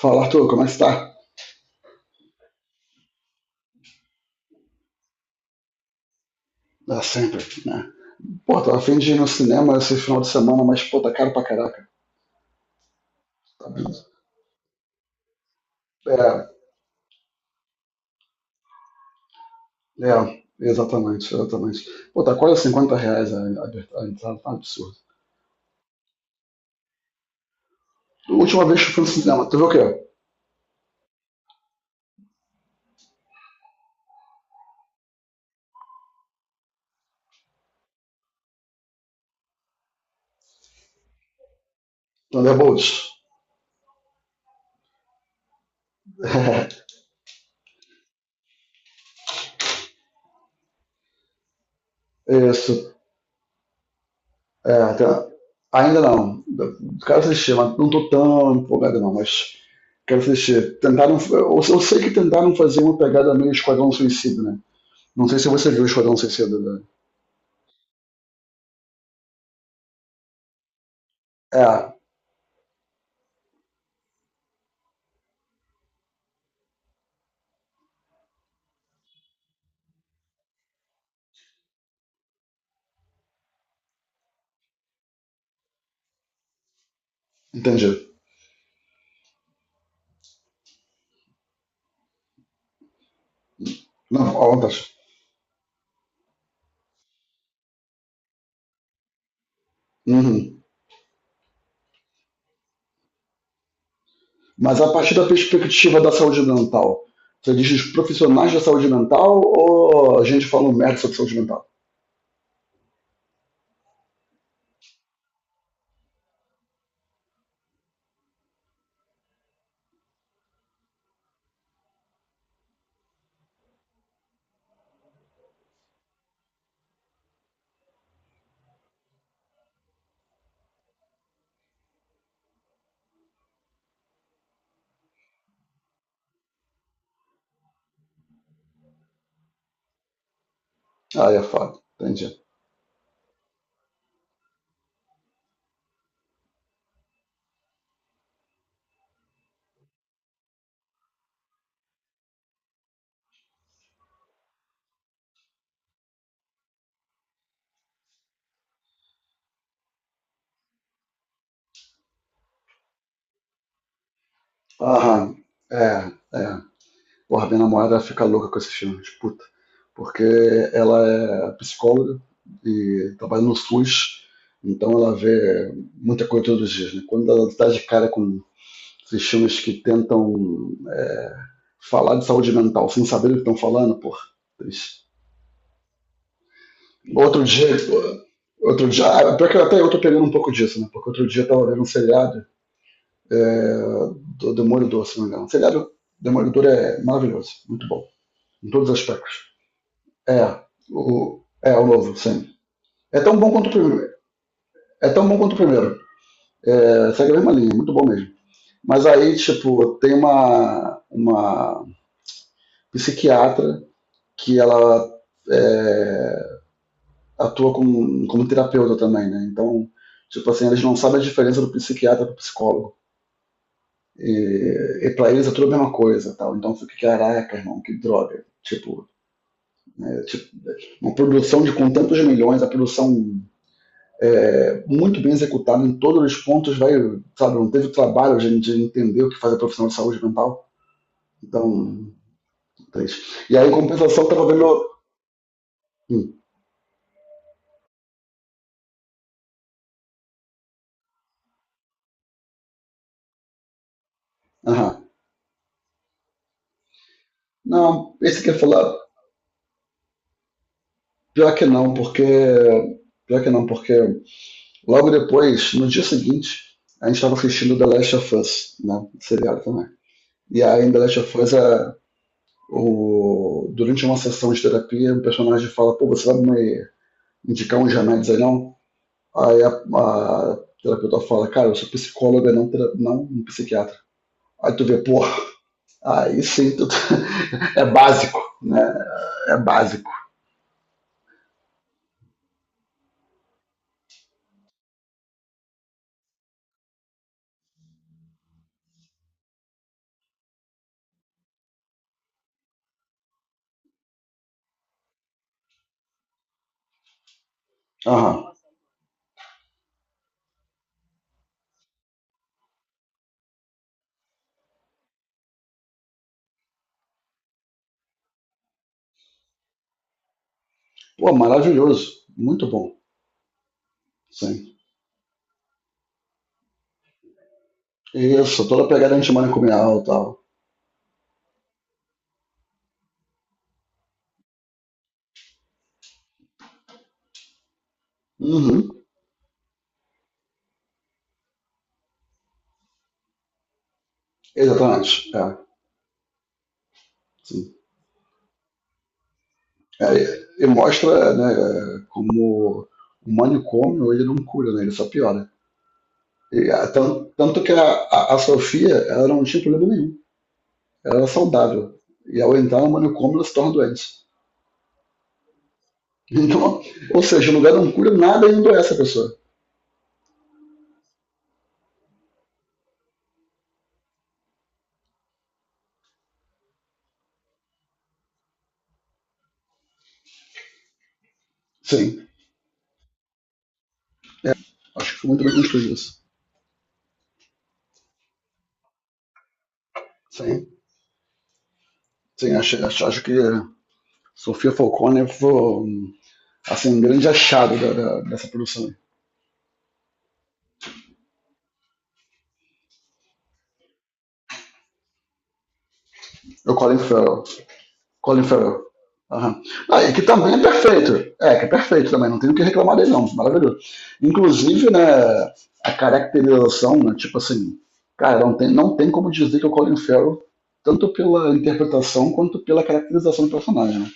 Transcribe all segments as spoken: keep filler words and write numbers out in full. Fala, Arthur, como é que você tá? Dá sempre, né? Pô, tava afim de ir no cinema esse final de semana, mas, pô, tá caro pra caraca. Tá, vendo? É, é, exatamente, exatamente. Pô, tá quase cinquenta reais a, a, a entrada, tá um absurdo. A última vez que eu fui no cinema, tu viu o quê? Thunderbolts. É, isso. É, até- ainda não. Quero assistir, mas não tô tão empolgado não, mas quero assistir. Tentaram, eu, eu sei que tentaram fazer uma pegada meio Esquadrão Suicida, né? Não sei se você viu o Esquadrão Suicida, né? É. Entendi. Não, à vontade. Uhum. Mas a partir da perspectiva da saúde mental, você diz os profissionais da saúde mental ou a gente fala um merda sobre saúde mental? Ah, é foda. Entendi. Aham. É, é. Porra, minha namorada fica louca com esses filmes, puta. Porque ela é psicóloga e trabalha no SUS, então ela vê muita coisa todos os dias, né? Quando ela dá de cara com esses filmes que tentam é, falar de saúde mental sem saber o que estão falando, pô. Outro dia, outro dia, ah, pior que até eu tô pegando um pouco disso, né? Porque outro dia eu tava vendo um seriado é, do Demolidor, se não me engano. O seriado Demolidor é maravilhoso, muito bom, em todos os aspectos. É, o, é, o novo, sim. É tão bom quanto o primeiro. É tão bom quanto o primeiro. É, segue a mesma linha, muito bom mesmo. Mas aí, tipo, tem uma, uma psiquiatra que ela é, atua como, como terapeuta também, né? Então, tipo assim, eles não sabem a diferença do psiquiatra pro psicólogo. E, e pra eles é tudo a mesma coisa, tal. Então, fica, caraca, irmão, que droga. Tipo, é, tipo, uma produção de com tantos milhões, a produção é, muito bem executada em todos os pontos, vai, sabe, não teve trabalho de, de entender o que faz a profissional de saúde mental. Então, triste. E aí, em compensação, eu tava vendo. Hum, aham. Não, esse que eu ia falar, pior que não, porque. Pior que não, porque logo depois, no dia seguinte, a gente estava assistindo The Last of Us, né? Seriado também. E aí, em The Last of Us, a- o- durante uma sessão de terapia, o personagem fala: pô, você vai me indicar uns remédios aí não? Aí a, a terapeuta fala: cara, eu sou psicóloga, não, tera- não um psiquiatra. Aí tu vê, pô, aí sim, tu é básico, né? É básico. Aham. Pô, maravilhoso. Muito bom. Sim. Isso, toda a pegada antimanicomial e tal. Uhum. Exatamente. É. Sim. É, e mostra, né, como o manicômio ele não cura, né, ele só piora. E, ah, tan- tanto que a, a- a Sofia ela não tinha problema nenhum, ela era saudável. E ao entrar no manicômio ela se torna doente. Então, ou seja, o lugar não cura nada e endoece a pessoa. Sim, acho que foi muito bem construído isso. Sim, sim, acho, acho, acho que Sofia Falcone foi um, assim, um grande achado da- da- dessa produção. O Colin Farrell. Colin Farrell. Aham. Ah, e que também é perfeito. É, que é perfeito também, não tenho o que reclamar dele, não. Maravilhoso. Inclusive, né, a caracterização, né, tipo assim, cara, não tem, não tem como dizer que é o Colin Farrell, tanto pela interpretação quanto pela caracterização do personagem. Né?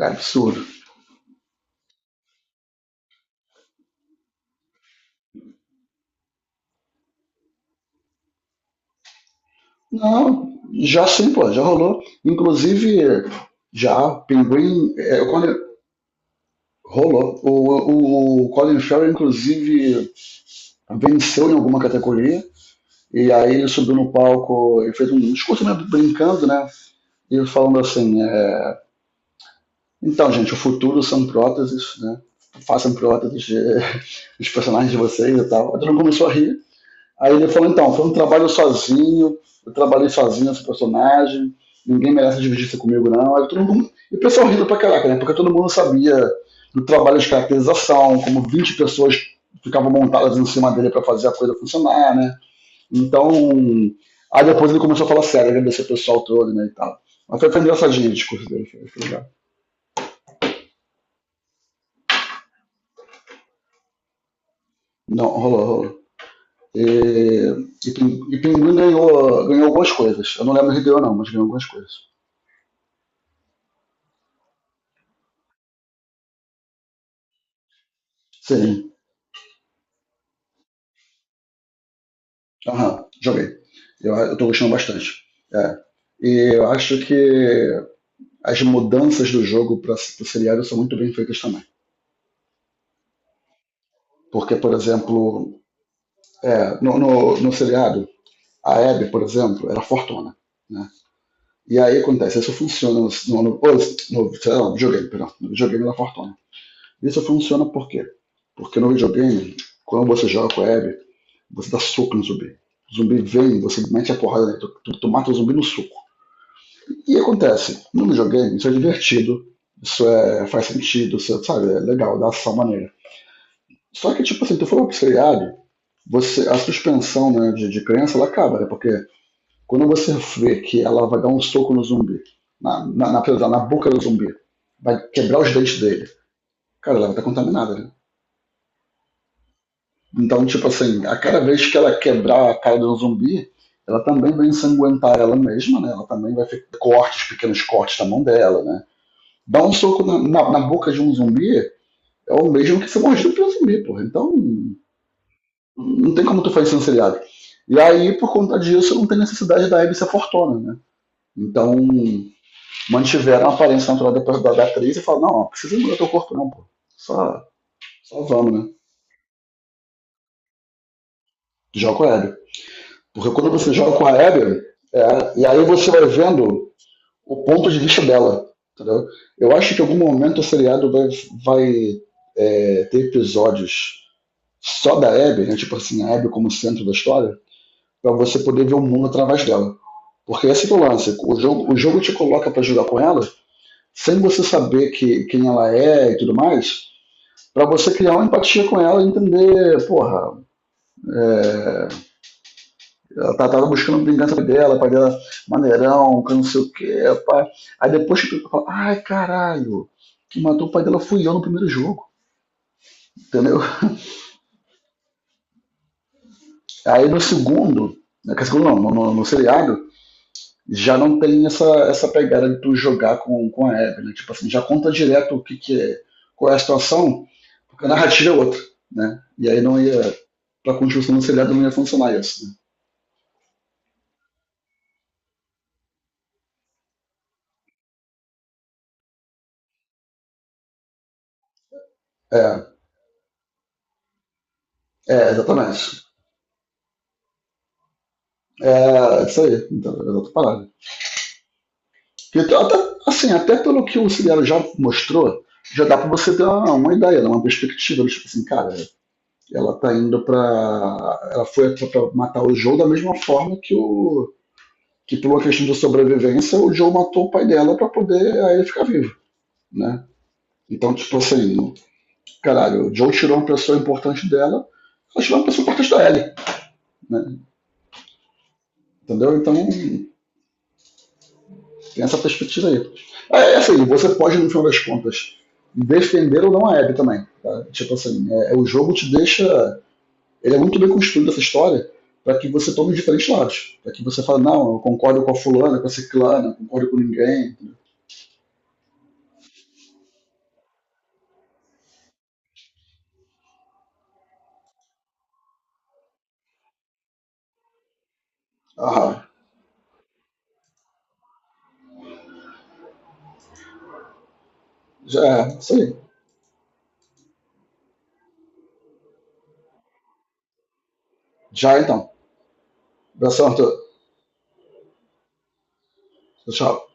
É absurdo. Não, já sim, pô, já rolou. Inclusive, já, Pinguim, é, o Colin, rolou. O, o, o Colin Farrell, inclusive, venceu em alguma categoria. E aí ele subiu no palco e fez um discurso, né, brincando, né? E falando assim, é, então, gente, o futuro são próteses, né? Façam próteses de, dos personagens de vocês e tal. Aí todo mundo começou a rir. Aí ele falou, então, foi um trabalho sozinho, eu trabalhei sozinho esse personagem, ninguém merece dividir-se comigo, não. Aí todo mundo, e o pessoal rindo pra caraca, né? Porque todo mundo sabia do trabalho de caracterização, como vinte pessoas ficavam montadas em cima dele para fazer a coisa funcionar, né? Então, aí depois ele começou a falar sério, agradecer o pessoal todo, né, e tal. Mas foi, foi engraçadinho o discurso dele, foi, foi legal. Não, rolou, rolou. E, e, e Pinguim ganhou, ganhou algumas coisas. Eu não lembro se ganhou, não, mas ganhou algumas coisas. Sim, aham, joguei. Eu, eu tô gostando bastante. É. E eu acho que as mudanças do jogo para o seriado são muito bem feitas também. Porque, por exemplo, é, no, no, no seriado, a Abby, por exemplo, era fortuna. Né? E aí acontece, isso funciona no, no, no, no, sei lá, no videogame, perdão, no videogame da Fortuna. Isso funciona por quê? Porque no videogame, quando você joga com a Abby, você dá soco no zumbi. O zumbi vem, você mete a porrada nele, tu, tu, tu mata o zumbi no soco. E acontece, no videogame, isso é divertido, isso é, faz sentido, isso, é, sabe, é legal, dá ação maneira. Só que, tipo assim, tu for pro seriado, você, a suspensão, né, de, de crença ela acaba, né? Porque quando você vê que ela vai dar um soco no zumbi, na, na, na, na boca do zumbi, vai quebrar os dentes dele, cara, ela vai estar contaminada. Né? Então, tipo assim, a cada vez que ela quebrar a cara de um zumbi, ela também vai ensanguentar ela mesma, né? Ela também vai ter cortes, pequenos cortes na mão dela, né? Dar um soco na, na, na boca de um zumbi é o mesmo que ser mordido por um zumbi, porra. Então, não tem como tu fazer isso no seriado. E aí, por conta disso, não tem necessidade da Abby ser fortuna, né? Então, mantiveram a aparência natural depois da, da atriz e falaram, não, não precisa mudar teu corpo não, pô. Só, só vamos, né? Joga com a Abby. Porque quando você joga com a Abby, é, e aí você vai vendo o ponto de vista dela, entendeu? Eu acho que em algum momento o seriado vai, vai é, ter episódios só da Abby, né? Tipo assim, a Abby como centro da história, para você poder ver o mundo através dela. Porque esse que é o lance, o jogo, o jogo, te coloca para jogar com ela, sem você saber que, quem ela é e tudo mais, para você criar uma empatia com ela e entender, porra, é, ela tá, tava buscando vingança dela, pai dela maneirão, que não sei o que, pá. Aí depois tu fala, ai caralho, que matou o pai dela fui eu no primeiro jogo, entendeu? Aí no segundo, no segundo não, no, no, no seriado, já não tem essa, essa pegada de tu jogar com, com a Abby, né? Tipo assim, já conta direto o que, que é, qual é a situação, porque a narrativa é outra, né? E aí não ia, pra continuação do seriado não ia funcionar isso, né? É, é, exatamente. É, isso aí, então, é outra parada. Porque até, assim, até pelo que o Ciliano já mostrou, já dá para você ter uma, uma ideia, né, uma perspectiva, tipo assim, cara, ela tá indo para ela foi para matar o Joe da mesma forma que o que por uma questão de sobrevivência o Joe matou o pai dela para poder aí ele ficar vivo, né? Então, tipo assim, caralho, o Joe tirou uma pessoa importante dela, ela tirou uma pessoa importante da Ellie, né? Entendeu? Então, tem essa perspectiva aí. É é assim, você pode, no final das contas, defender ou não a Abby também. Tá? Tipo assim, é, é, o jogo te deixa. Ele é muito bem construído essa história para que você tome diferentes lados. Para que você fale, não, eu concordo com a fulana, com a ciclana, concordo com ninguém. Ah, já é, isso aí. Já então. Abração, Arthur. Tchau.